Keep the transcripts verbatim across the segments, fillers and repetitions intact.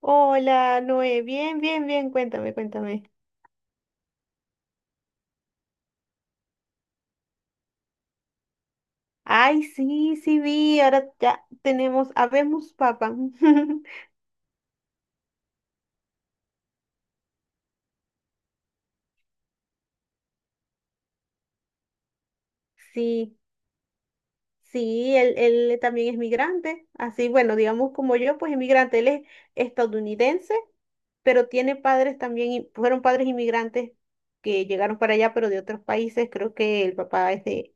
Hola, Noé. Bien, bien, bien. Cuéntame, cuéntame. Ay, sí, sí vi. Ahora ya tenemos habemos papa. Sí, sí, él, él también es migrante. Así, bueno, digamos como yo, pues inmigrante. Él es estadounidense, pero tiene padres también, y- fueron padres inmigrantes que llegaron para allá, pero de otros países. Creo que el papá es de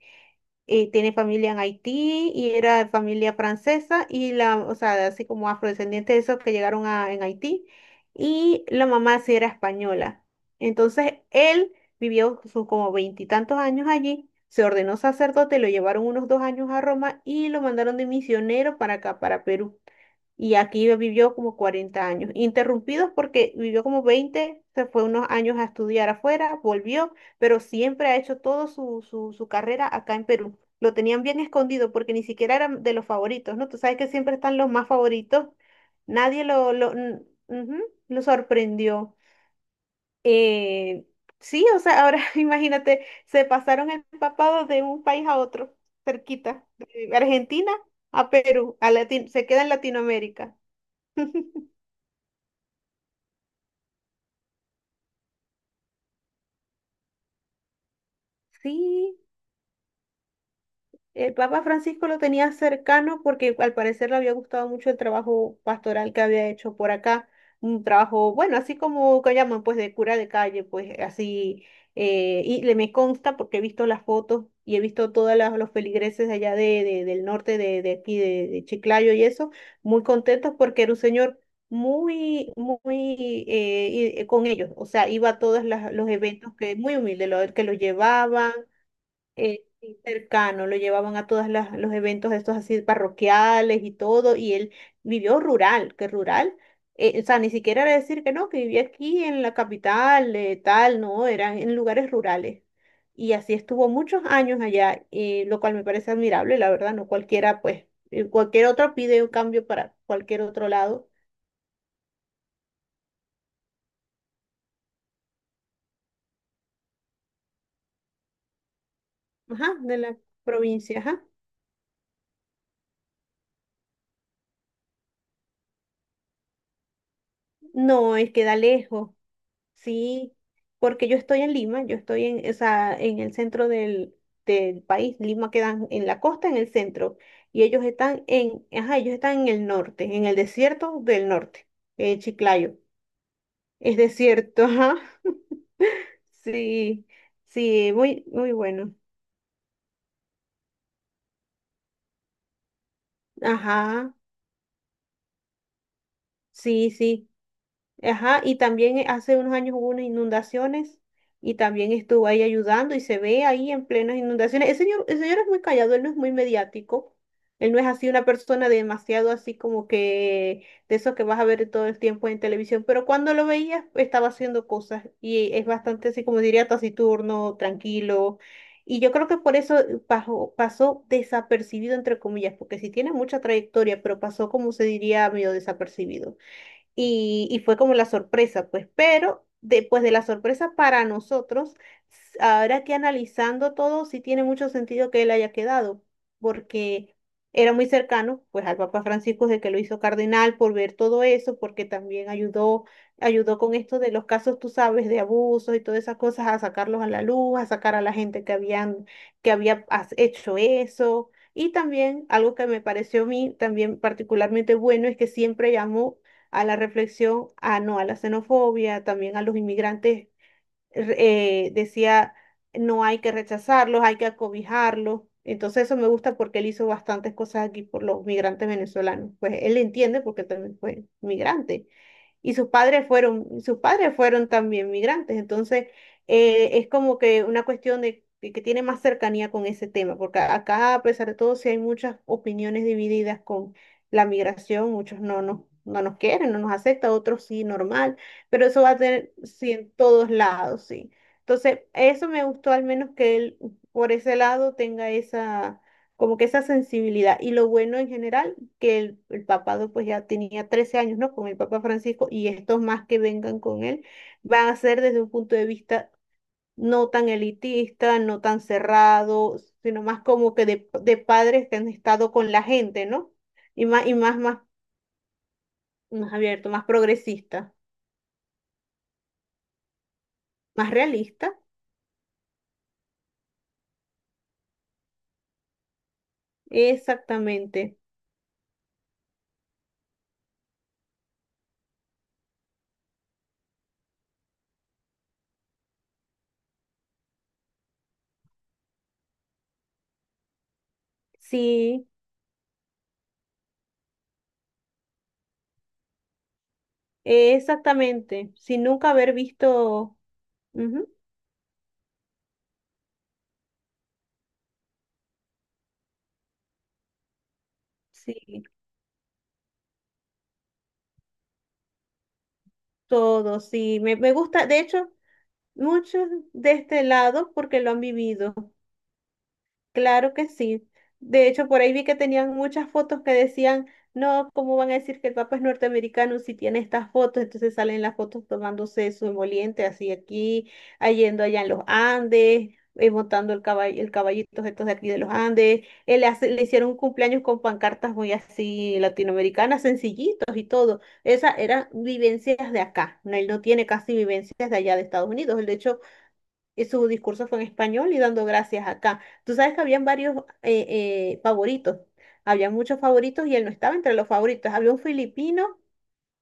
eh, tiene familia en Haití y era familia francesa y la, o sea, así como afrodescendientes de esos que llegaron a, en Haití y la mamá sí era española. Entonces él vivió sus como veintitantos años allí, se ordenó sacerdote, lo llevaron unos dos años a Roma y lo mandaron de misionero para acá, para Perú. Y aquí vivió como cuarenta años, interrumpidos porque vivió como veinte se fue unos años a estudiar afuera, volvió, pero siempre ha hecho toda su, su, su carrera acá en Perú. Lo tenían bien escondido porque ni siquiera eran de los favoritos, ¿no? Tú sabes que siempre están los más favoritos. Nadie, lo, lo, n- ujú, lo sorprendió. Eh, sí, o sea, ahora, imagínate, se pasaron empapados de un país a otro, cerquita, de Argentina a Perú, a Latin- se queda en Latinoamérica. Sí, el Papa Francisco lo tenía cercano porque al parecer le había gustado mucho el trabajo pastoral que había hecho por acá. Un trabajo, bueno, así como que llaman, pues de cura de calle, pues así. Eh, y le me consta porque he visto las fotos y he visto todos los feligreses de allá de, de- del norte, de, de aquí, de, de Chiclayo y eso, muy contentos porque era un señor muy, muy, eh, y- eh, con ellos. O sea, iba a todos las- los eventos que, muy humilde, lo, que los llevaban, eh, sí, cercano, lo llevaban a todos los eventos estos así parroquiales y todo, y él vivió rural, que rural, eh, o sea, ni siquiera era decir que no, que vivía aquí en la capital, eh, tal, no, era en lugares rurales. Y así estuvo muchos años allá, eh, lo cual me parece admirable, la verdad, no cualquiera, pues, eh, cualquier otro pide un cambio para cualquier otro lado, ajá, de la provincia, ajá. No, es queda lejos. Sí, porque yo estoy en Lima, yo estoy en, o sea, en el centro del, del país. Lima queda en la costa, en el centro, y ellos están en, ajá, ellos están en el norte, en el desierto del norte, en Chiclayo. Es desierto, ajá. Sí, sí, muy, muy bueno. Ajá, sí, sí. Ajá, y también, eh, hace unos años hubo unas inundaciones y también estuvo ahí ayudando y se ve ahí en plenas inundaciones. El señor, el señor es muy callado, él no es muy mediático, él no es así una persona demasiado así como que de eso que vas a ver todo el tiempo en televisión, pero cuando lo veías estaba haciendo cosas y es bastante así como diría taciturno, tranquilo. Y yo creo que por eso, eh, pasó, pasó desapercibido, entre comillas, porque si tiene mucha trayectoria, pero pasó como se diría medio desapercibido y, y fue como la sorpresa, pues, pero después de la sorpresa para nosotros, s- ahora que analizando todo, sí tiene mucho sentido que él haya quedado, porque era muy cercano, pues, al Papa Francisco de que lo hizo cardenal por ver todo eso, porque también ayudó, ayudó con esto de los casos, tú sabes, de abusos y todas esas cosas, a sacarlos a la luz, a sacar a la gente que habían, que había has- hecho eso. Y también algo que me pareció a mí también particularmente bueno es que siempre llamó a la reflexión, a no a la xenofobia, también a los inmigrantes, re- eh, decía, no hay que rechazarlos, hay que acobijarlos. Entonces eso me gusta porque él hizo bastantes cosas aquí por los migrantes venezolanos. Pues él entiende porque también fue migrante y sus padres fueron, sus padres fueron también migrantes. Entonces, eh, es como que una cuestión de de que tiene más cercanía con ese tema, porque a- acá, a pesar de todo, sí hay muchas opiniones divididas con la migración, muchos no nos, no nos quieren, no nos aceptan, otros sí, normal, pero eso va a tener, sí, en todos lados, sí. Entonces, eso me gustó al menos que él por ese lado tenga esa, como que esa sensibilidad. Y lo bueno en general que el, el papado pues ya tenía trece años, ¿no? Con el Papa Francisco y estos más que vengan con él van a ser desde un punto de vista no tan elitista, no tan cerrado, sino más como que de, de padres que han estado con la gente, ¿no? Y más, y más, más, más abierto, más progresista, más realista. Exactamente. Sí, exactamente. Sin nunca haber visto, ujú, sí, todo, sí. Me, me gusta, de hecho. Muchos de este lado porque lo han vivido, claro que sí. De hecho, por ahí vi que tenían muchas fotos que decían, no, ¿cómo van a decir que el Papa es norteamericano si tiene estas fotos? Entonces salen las fotos tomándose su emoliente así aquí, ah, yendo allá en los Andes, eh, montando el caballo, el caballito estos de aquí de los Andes. Él le, hace- le hicieron un cumpleaños con pancartas muy así latinoamericanas, sencillitos y todo. Esas eran vivencias de acá. No, él no tiene casi vivencias de allá de Estados Unidos. Él, De hecho, y su discurso fue en español y dando gracias acá. Tú sabes que habían varios eh, eh, favoritos, había muchos favoritos y él no estaba entre los favoritos. Había un filipino,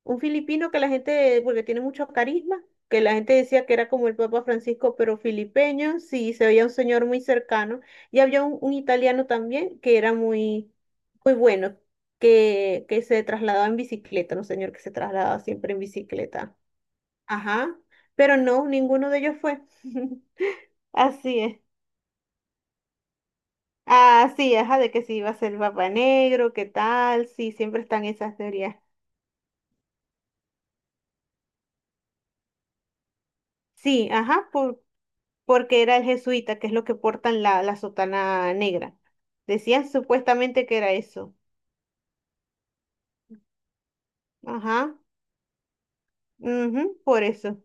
un filipino que la gente, porque tiene mucho carisma, que la gente decía que era como el Papa Francisco, pero filipeño, sí, se veía un señor muy cercano. Y había un, un italiano también que era muy, muy bueno, que, que se trasladaba en bicicleta, un señor que se trasladaba siempre en bicicleta. Ajá, pero no, ninguno de ellos fue. Así es. Ah, sí, ajá, de que si iba a ser Papá Negro, qué tal, sí, siempre están esas teorías. Sí, ajá, por, porque era el jesuita, que es lo que portan la, la sotana negra. Decían supuestamente que era eso. Ajá, ujú, por eso.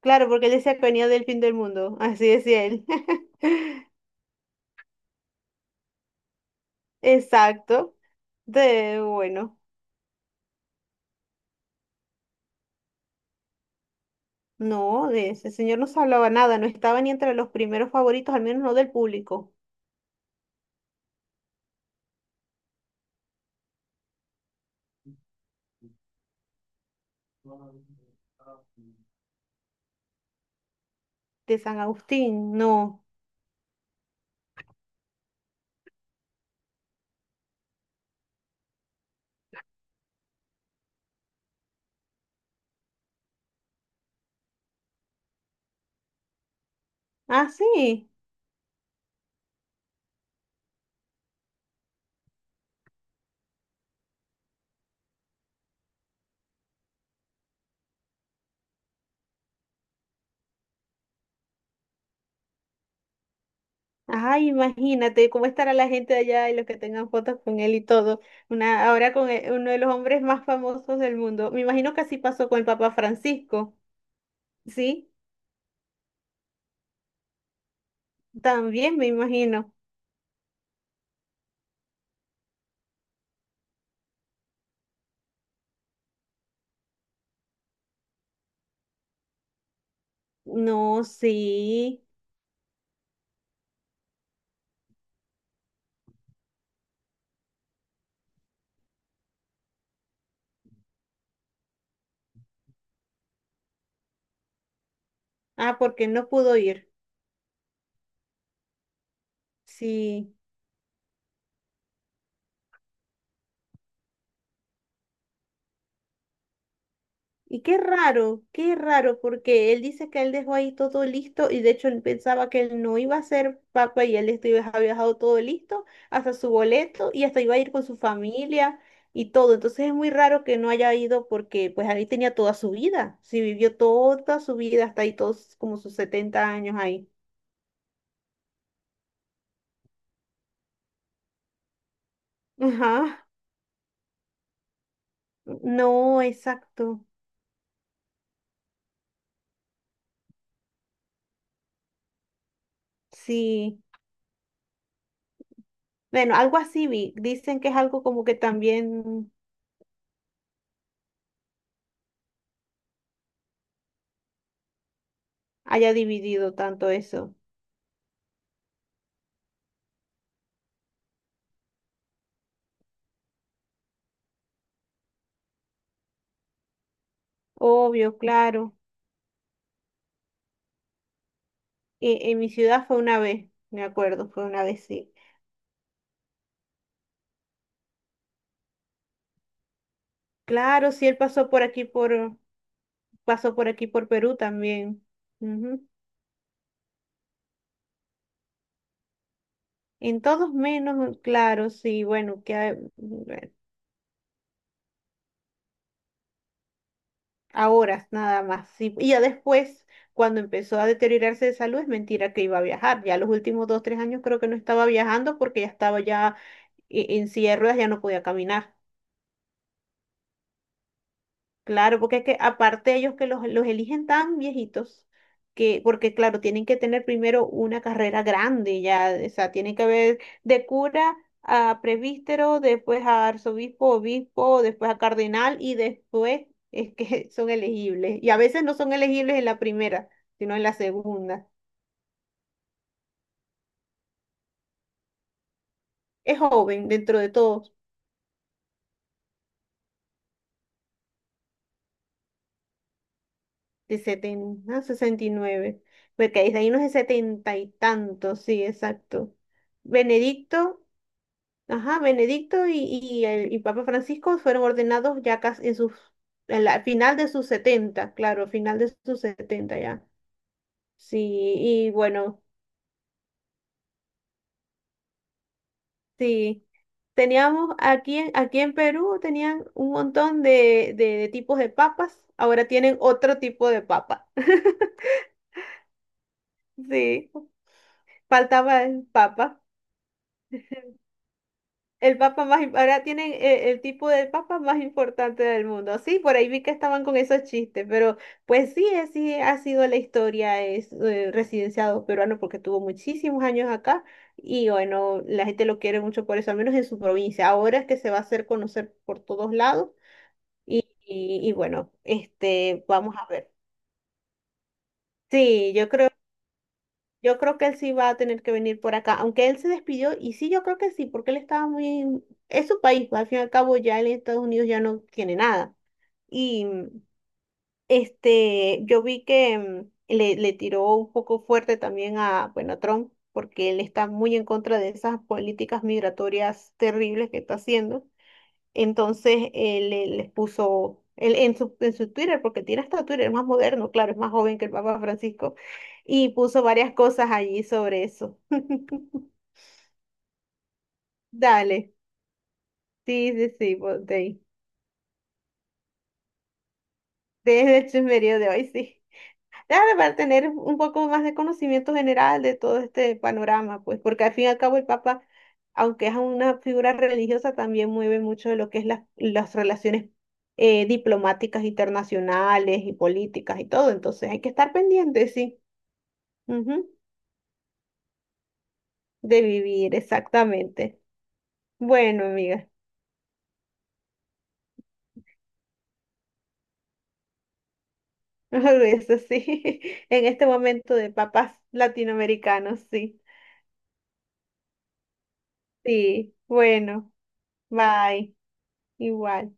Claro, porque él decía que venía del fin del mundo, así decía él. Exacto. De, bueno, no, de ese señor no se hablaba nada, no estaba ni entre los primeros favoritos, al menos no del público, de San Agustín, no. Ah, sí. Ay, imagínate cómo estará la gente de allá y los que tengan fotos con él y todo. Una, ahora con e- uno de los hombres más famosos del mundo. Me imagino que así pasó con el Papa Francisco. Sí, también me imagino. No, sí. Ah, porque él no pudo ir. Sí. Y qué raro, qué raro, porque él dice que él dejó ahí todo listo y de hecho él pensaba que él no iba a ser papa y él estuvo- había dejado todo listo, hasta su boleto y hasta iba a ir con su familia y todo. Entonces es muy raro que no haya ido porque pues ahí tenía toda su vida, sí vivió toda su vida hasta ahí todos como sus setenta años ahí. Ajá. No, exacto. Sí. Bueno, algo así vi. Dicen que es algo como que también haya dividido tanto eso. Obvio, claro. E- En mi ciudad fue una vez, me acuerdo, fue una vez, sí. Claro, sí, él pasó por aquí por, pasó por aquí por Perú también. Ujú. En todos menos, claro, sí, bueno, que a, bueno, a horas nada más. Sí. Y ya después, cuando empezó a deteriorarse de salud, es mentira que iba a viajar. Ya los últimos dos, tres años creo que no estaba viajando porque ya estaba ya e- en silla de ruedas, ya no podía caminar. Claro, porque es que aparte ellos que los, los eligen tan viejitos, que, porque claro, tienen que tener primero una carrera grande ya, o sea, tienen que haber de cura a presbítero, después a arzobispo, obispo, después a cardenal y después es que son elegibles. Y a veces no son elegibles en la primera, sino en la segunda. Es joven dentro de todos, de setenta, a sesenta y nueve, porque ahí hay unos de setenta y tantos, sí, exacto. Benedicto. Ajá, Benedicto y, y, el- y Papa Francisco fueron ordenados ya casi en sus, en la final de sus setenta, claro, final de sus setenta ya. Sí, y bueno, sí, teníamos aquí, en- aquí en Perú tenían un montón de, de, de tipos de papas, ahora tienen otro tipo de papa. Sí, faltaba el papa. El papa más, im- ahora tienen, eh, el tipo del papa más importante del mundo. Sí, por ahí vi que estaban con esos chistes, pero pues sí, así ha sido la historia, es, eh, residenciado peruano porque tuvo muchísimos años acá y bueno, la gente lo quiere mucho por eso, al menos en su provincia. Ahora es que se va a hacer conocer por todos lados y, y, y bueno, este, vamos a ver. Sí, yo creo Yo creo que él sí va a tener que venir por acá, aunque él se despidió, y sí, yo creo que sí, porque él estaba muy... Es su país, pues, al fin y al cabo ya en Estados Unidos ya no tiene nada. Y, mm, este, yo vi que, mm, le, le tiró un poco fuerte también a, bueno, a Trump, porque él está muy en contra de esas políticas migratorias terribles que está haciendo. Entonces él, él les puso él, en su, en su Twitter, porque tiene hasta Twitter, es más moderno, claro, es más joven que el Papa Francisco, y puso varias cosas allí sobre eso. Dale, sí, sí, sí, ponte ahí. Desde el chismerío de hoy, sí. Claro, para tener un poco más de conocimiento general de todo este panorama, pues, porque al fin y al cabo el Papa, aunque es una figura religiosa, también mueve mucho de lo que es las las relaciones, eh, diplomáticas internacionales y políticas y todo. Entonces hay que estar pendiente, sí, ujú, de vivir, exactamente. Bueno, amiga, eso sí, en este momento de papas latinoamericanos, sí, sí, bueno, bye, igual.